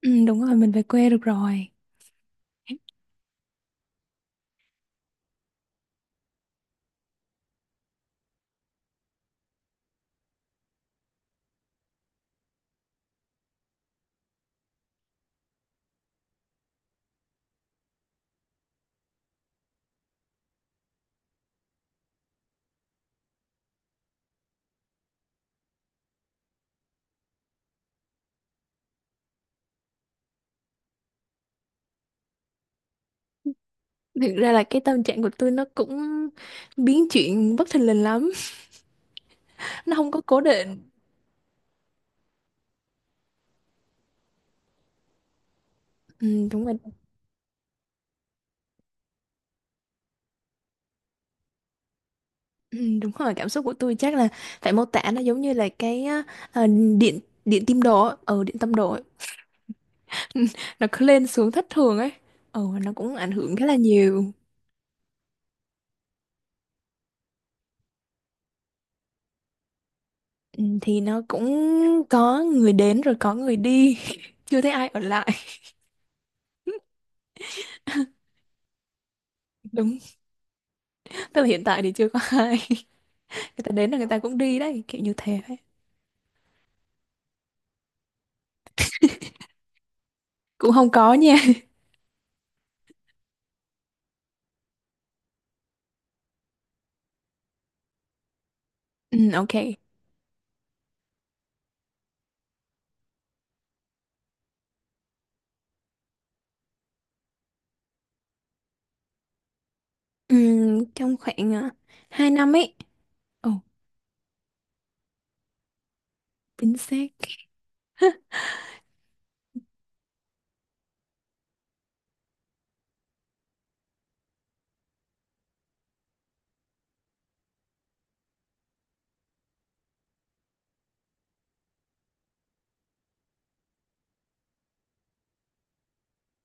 Ừ, đúng rồi, mình về quê được rồi. Thực ra là cái tâm trạng của tôi nó cũng biến chuyển bất thình lình lắm. Nó không có cố định. Ừ, đúng rồi. Ừ, đúng rồi, cảm xúc của tôi chắc là phải mô tả nó giống như là cái á, ờ, điện điện tim đồ ở ừ, điện tâm đồ ấy. Nó cứ lên xuống thất thường ấy, ừ, nó cũng ảnh hưởng khá là nhiều. Ừ, thì nó cũng có người đến rồi có người đi, chưa thấy ai ở lại. Đúng, tức là hiện tại thì chưa có ai, người ta đến là người ta cũng đi đấy, kiểu như thế ấy. Cũng không có nha. Ừ, ok. Ừ, trong khoảng 2 năm ấy. Ồ, chính xác.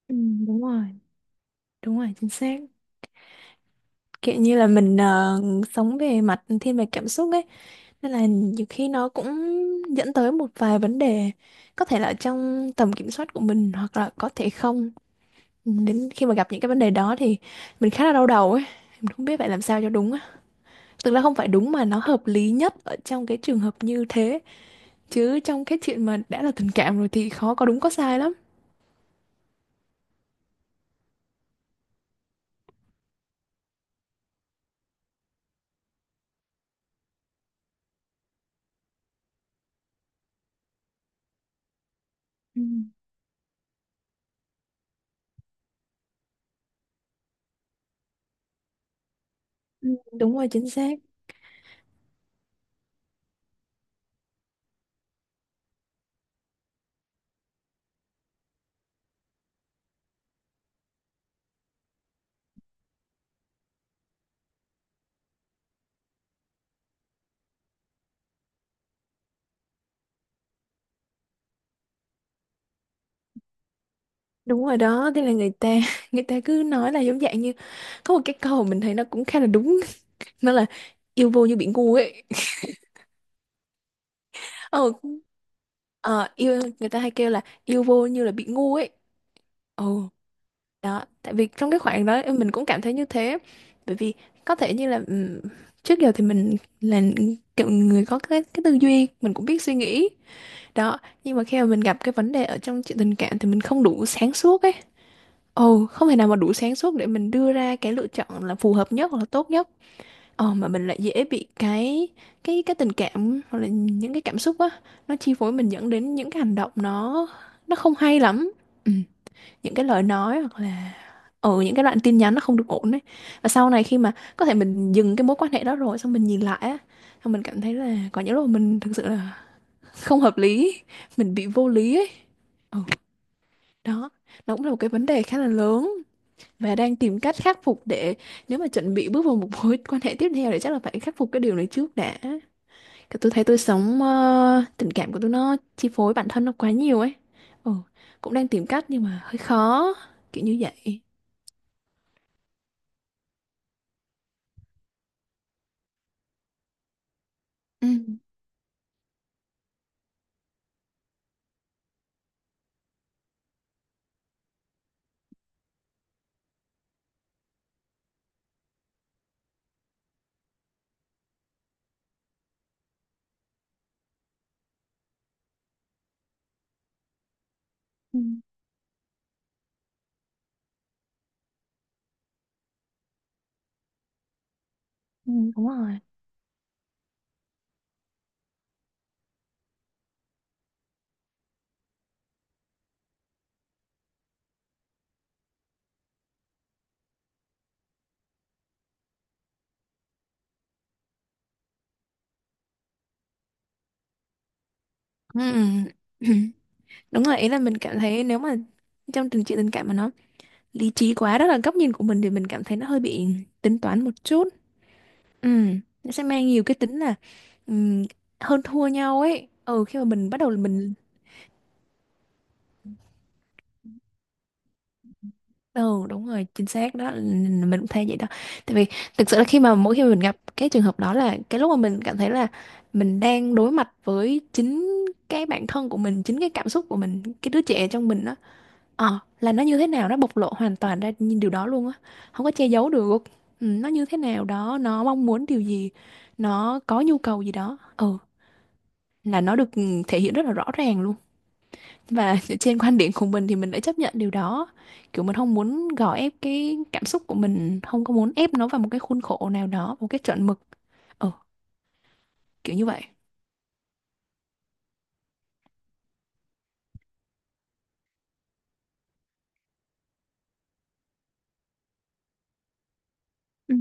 Ừ, đúng rồi. Đúng rồi, chính xác. Kiểu như là mình sống về mặt thiên về cảm xúc ấy, nên là nhiều khi nó cũng dẫn tới một vài vấn đề, có thể là trong tầm kiểm soát của mình hoặc là có thể không. Ừ, đến khi mà gặp những cái vấn đề đó thì mình khá là đau đầu ấy, mình không biết phải làm sao cho đúng á. Tức là không phải đúng mà nó hợp lý nhất ở trong cái trường hợp như thế, chứ trong cái chuyện mà đã là tình cảm rồi thì khó có đúng có sai lắm. Ừ. Ừ, đúng rồi, chính xác. Đúng rồi đó, thế là người ta người ta cứ nói là giống dạng như có một cái câu mình thấy nó cũng khá là đúng, nó là yêu vô như bị ngu ấy. Ờ, ờ, yêu người ta hay kêu là yêu vô như là bị ngu ấy. Ồ, đó, tại vì trong cái khoảng đó mình cũng cảm thấy như thế. Bởi vì có thể như là trước giờ thì mình là kiểu người có cái tư duy, mình cũng biết suy nghĩ. Đó, nhưng mà khi mà mình gặp cái vấn đề ở trong chuyện tình cảm thì mình không đủ sáng suốt ấy. Ồ, không thể nào mà đủ sáng suốt để mình đưa ra cái lựa chọn là phù hợp nhất hoặc là tốt nhất. Ờ, mà mình lại dễ bị cái tình cảm hoặc là những cái cảm xúc á, nó chi phối mình dẫn đến những cái hành động nó không hay lắm. Ừ, những cái lời nói hoặc là ở những cái đoạn tin nhắn nó không được ổn đấy. Và sau này khi mà có thể mình dừng cái mối quan hệ đó rồi xong mình nhìn lại á, xong mình cảm thấy là có những lúc mình thực sự là không hợp lý, mình bị vô lý ấy. Ừ, đó, nó cũng là một cái vấn đề khá là lớn và đang tìm cách khắc phục để nếu mà chuẩn bị bước vào một mối quan hệ tiếp theo thì chắc là phải khắc phục cái điều này trước đã. Cái tôi thấy tôi sống tình cảm của tôi nó chi phối bản thân nó quá nhiều ấy. Ừ, cũng đang tìm cách nhưng mà hơi khó, kiểu như vậy. Ừ. Ừ, ừ, đúng rồi. Ừ. Ừ. Đúng rồi, ý là mình cảm thấy nếu mà trong chuyện tình cảm mà nó lý trí quá, đó là góc nhìn của mình, thì mình cảm thấy nó hơi bị tính toán một chút. Ừ, nó sẽ mang nhiều cái tính là ừm, hơn thua nhau ấy. Ừ, khi mà mình bắt đầu là mình Ừ, đúng rồi, chính xác đó, mình cũng thấy vậy đó. Tại vì thực sự là khi mà mỗi khi mà mình gặp cái trường hợp đó là cái lúc mà mình cảm thấy là mình đang đối mặt với chính cái bản thân của mình, chính cái cảm xúc của mình, cái đứa trẻ trong mình đó. Ờ, là nó như thế nào, nó bộc lộ hoàn toàn ra nhìn điều đó luôn á. Không có che giấu được. Ừ, nó như thế nào đó, nó mong muốn điều gì, nó có nhu cầu gì đó. Ừ, là nó được thể hiện rất là rõ ràng luôn. Và trên quan điểm của mình thì mình đã chấp nhận điều đó, kiểu mình không muốn gò ép cái cảm xúc của mình, không có muốn ép nó vào một cái khuôn khổ nào đó, một cái chuẩn mực, ờ kiểu như vậy. Ừ.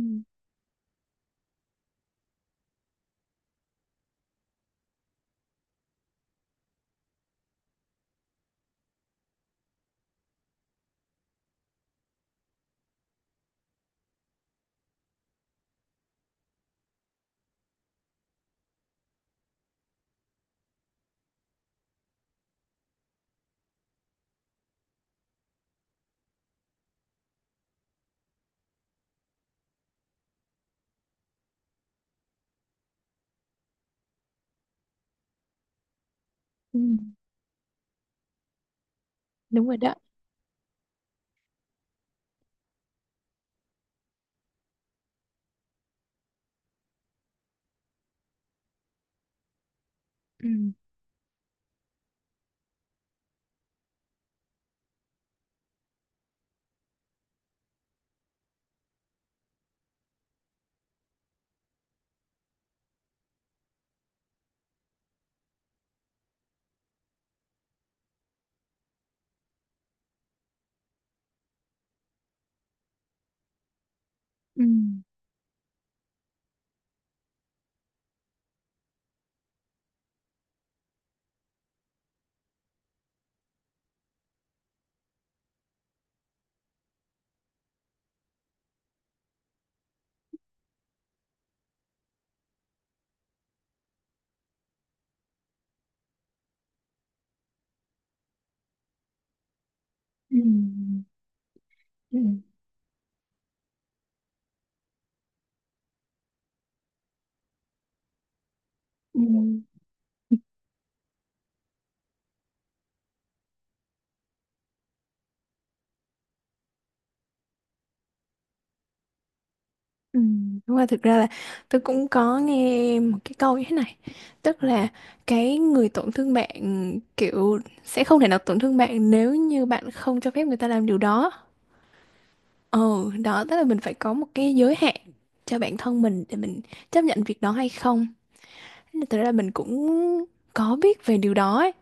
Ừ, đúng rồi đó. ừ ừ ừ Đúng rồi, thực ra là tôi cũng có nghe một cái câu như thế này. Tức là cái người tổn thương bạn kiểu sẽ không thể nào tổn thương bạn nếu như bạn không cho phép người ta làm điều đó. Ừ, đó, tức là mình phải có một cái giới hạn cho bản thân mình để mình chấp nhận việc đó hay không. Thế là thật ra mình cũng có biết về điều đó ấy.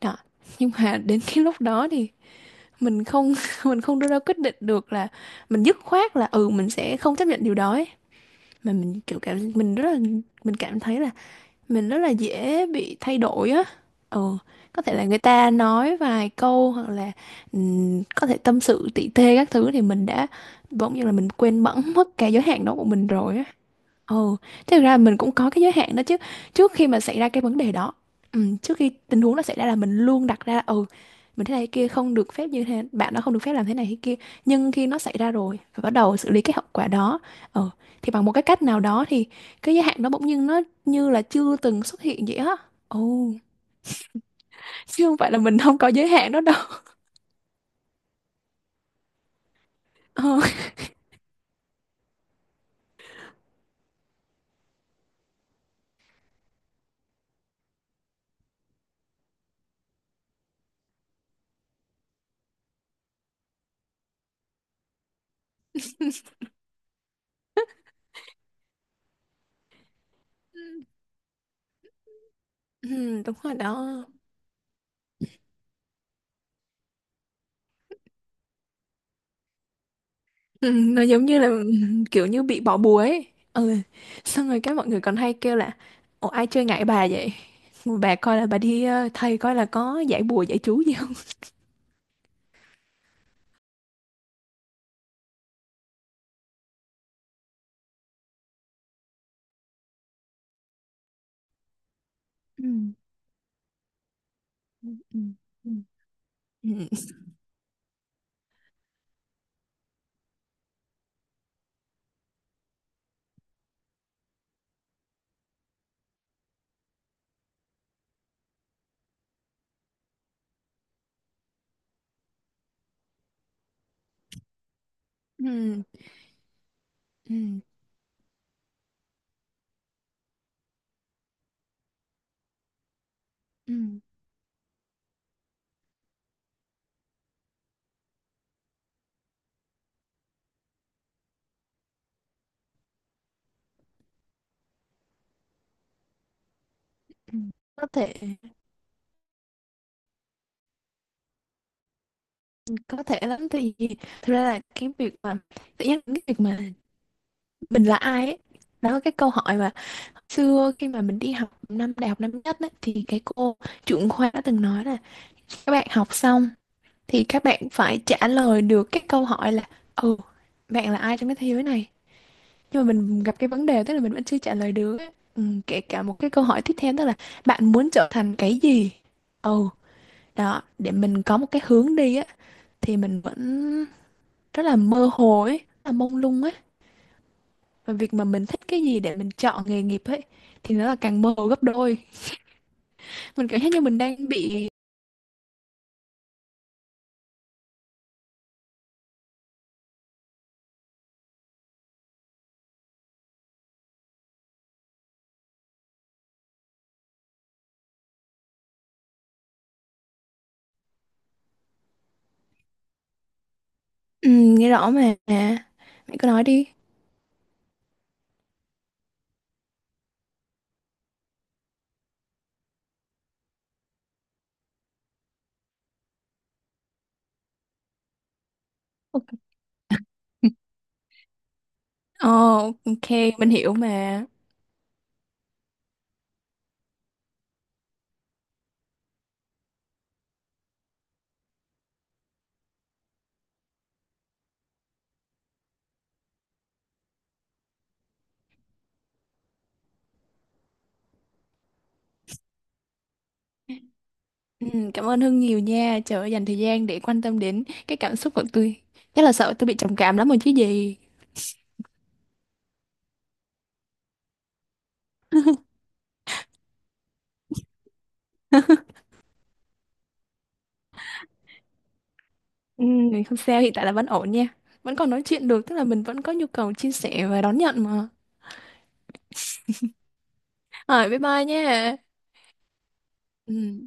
Đó. Nhưng mà đến cái lúc đó thì mình không mình không đưa ra quyết định được là mình dứt khoát là ừ mình sẽ không chấp nhận điều đó ấy. Mà mình kiểu mình rất là mình cảm thấy là mình rất là dễ bị thay đổi á. Ừ, có thể là người ta nói vài câu hoặc là có thể tâm sự tỉ tê các thứ thì mình đã bỗng nhiên là mình quên bẵng mất cái giới hạn đó của mình rồi á. Ồ, thực ra mình cũng có cái giới hạn đó chứ. Trước khi mà xảy ra cái vấn đề đó, ừ, trước khi tình huống nó xảy ra là mình luôn đặt ra là, ừ mình thế này thế kia không được phép như thế, bạn đó không được phép làm thế này thế kia. Nhưng khi nó xảy ra rồi và bắt đầu xử lý cái hậu quả đó, ừ thì bằng một cái cách nào đó thì cái giới hạn đó bỗng nhiên nó như là chưa từng xuất hiện vậy á. Ồ, chứ không phải là mình không có giới hạn đó đâu. Ờ, ừ, đúng rồi đó. Ừ, nó giống như là kiểu như bị bỏ bùa ấy. Ừ. Xong rồi các mọi người còn hay kêu là ủa ai chơi ngại bà vậy, mà bà coi là bà đi thầy coi là có giải bùa giải chú gì không. Ừ. Ừ. Ừ. Ừ. Ừ. Ừ, ừ, ừ, ừ. có thể có thể lắm thì, thực ra là cái việc mà tự nhiên cái việc mà mình là ai ấy, đó là cái câu hỏi mà xưa khi mà mình đi học năm đại học năm nhất ấy, thì cái cô trưởng khoa đã từng nói là các bạn học xong thì các bạn phải trả lời được cái câu hỏi là ừ bạn là ai trong cái thế giới này. Nhưng mà mình gặp cái vấn đề tức là mình vẫn chưa trả lời được á. Ừ, kể cả một cái câu hỏi tiếp theo tức là bạn muốn trở thành cái gì, ừ đó để mình có một cái hướng đi á, thì mình vẫn rất là mơ hồ ấy, rất là mông lung ấy. Và việc mà mình thích cái gì để mình chọn nghề nghiệp ấy thì nó là càng mơ hồ gấp đôi. Mình cảm giác như mình đang bị… Ừ, nghe rõ mà mẹ cứ nói đi. Ok. Ồ, ok, mình hiểu mà. Ừ, cảm ơn Hưng nhiều nha. Trời ơi, dành thời gian để quan tâm đến cái cảm xúc của tôi. Chắc là sợ tôi bị trầm cảm lắm rồi chứ gì. Ừ, không sao, hiện tại là vẫn ổn nha. Vẫn còn nói chuyện được, tức là mình vẫn có nhu cầu chia sẻ và đón nhận mà. Rồi, bye bye nha. Ừ.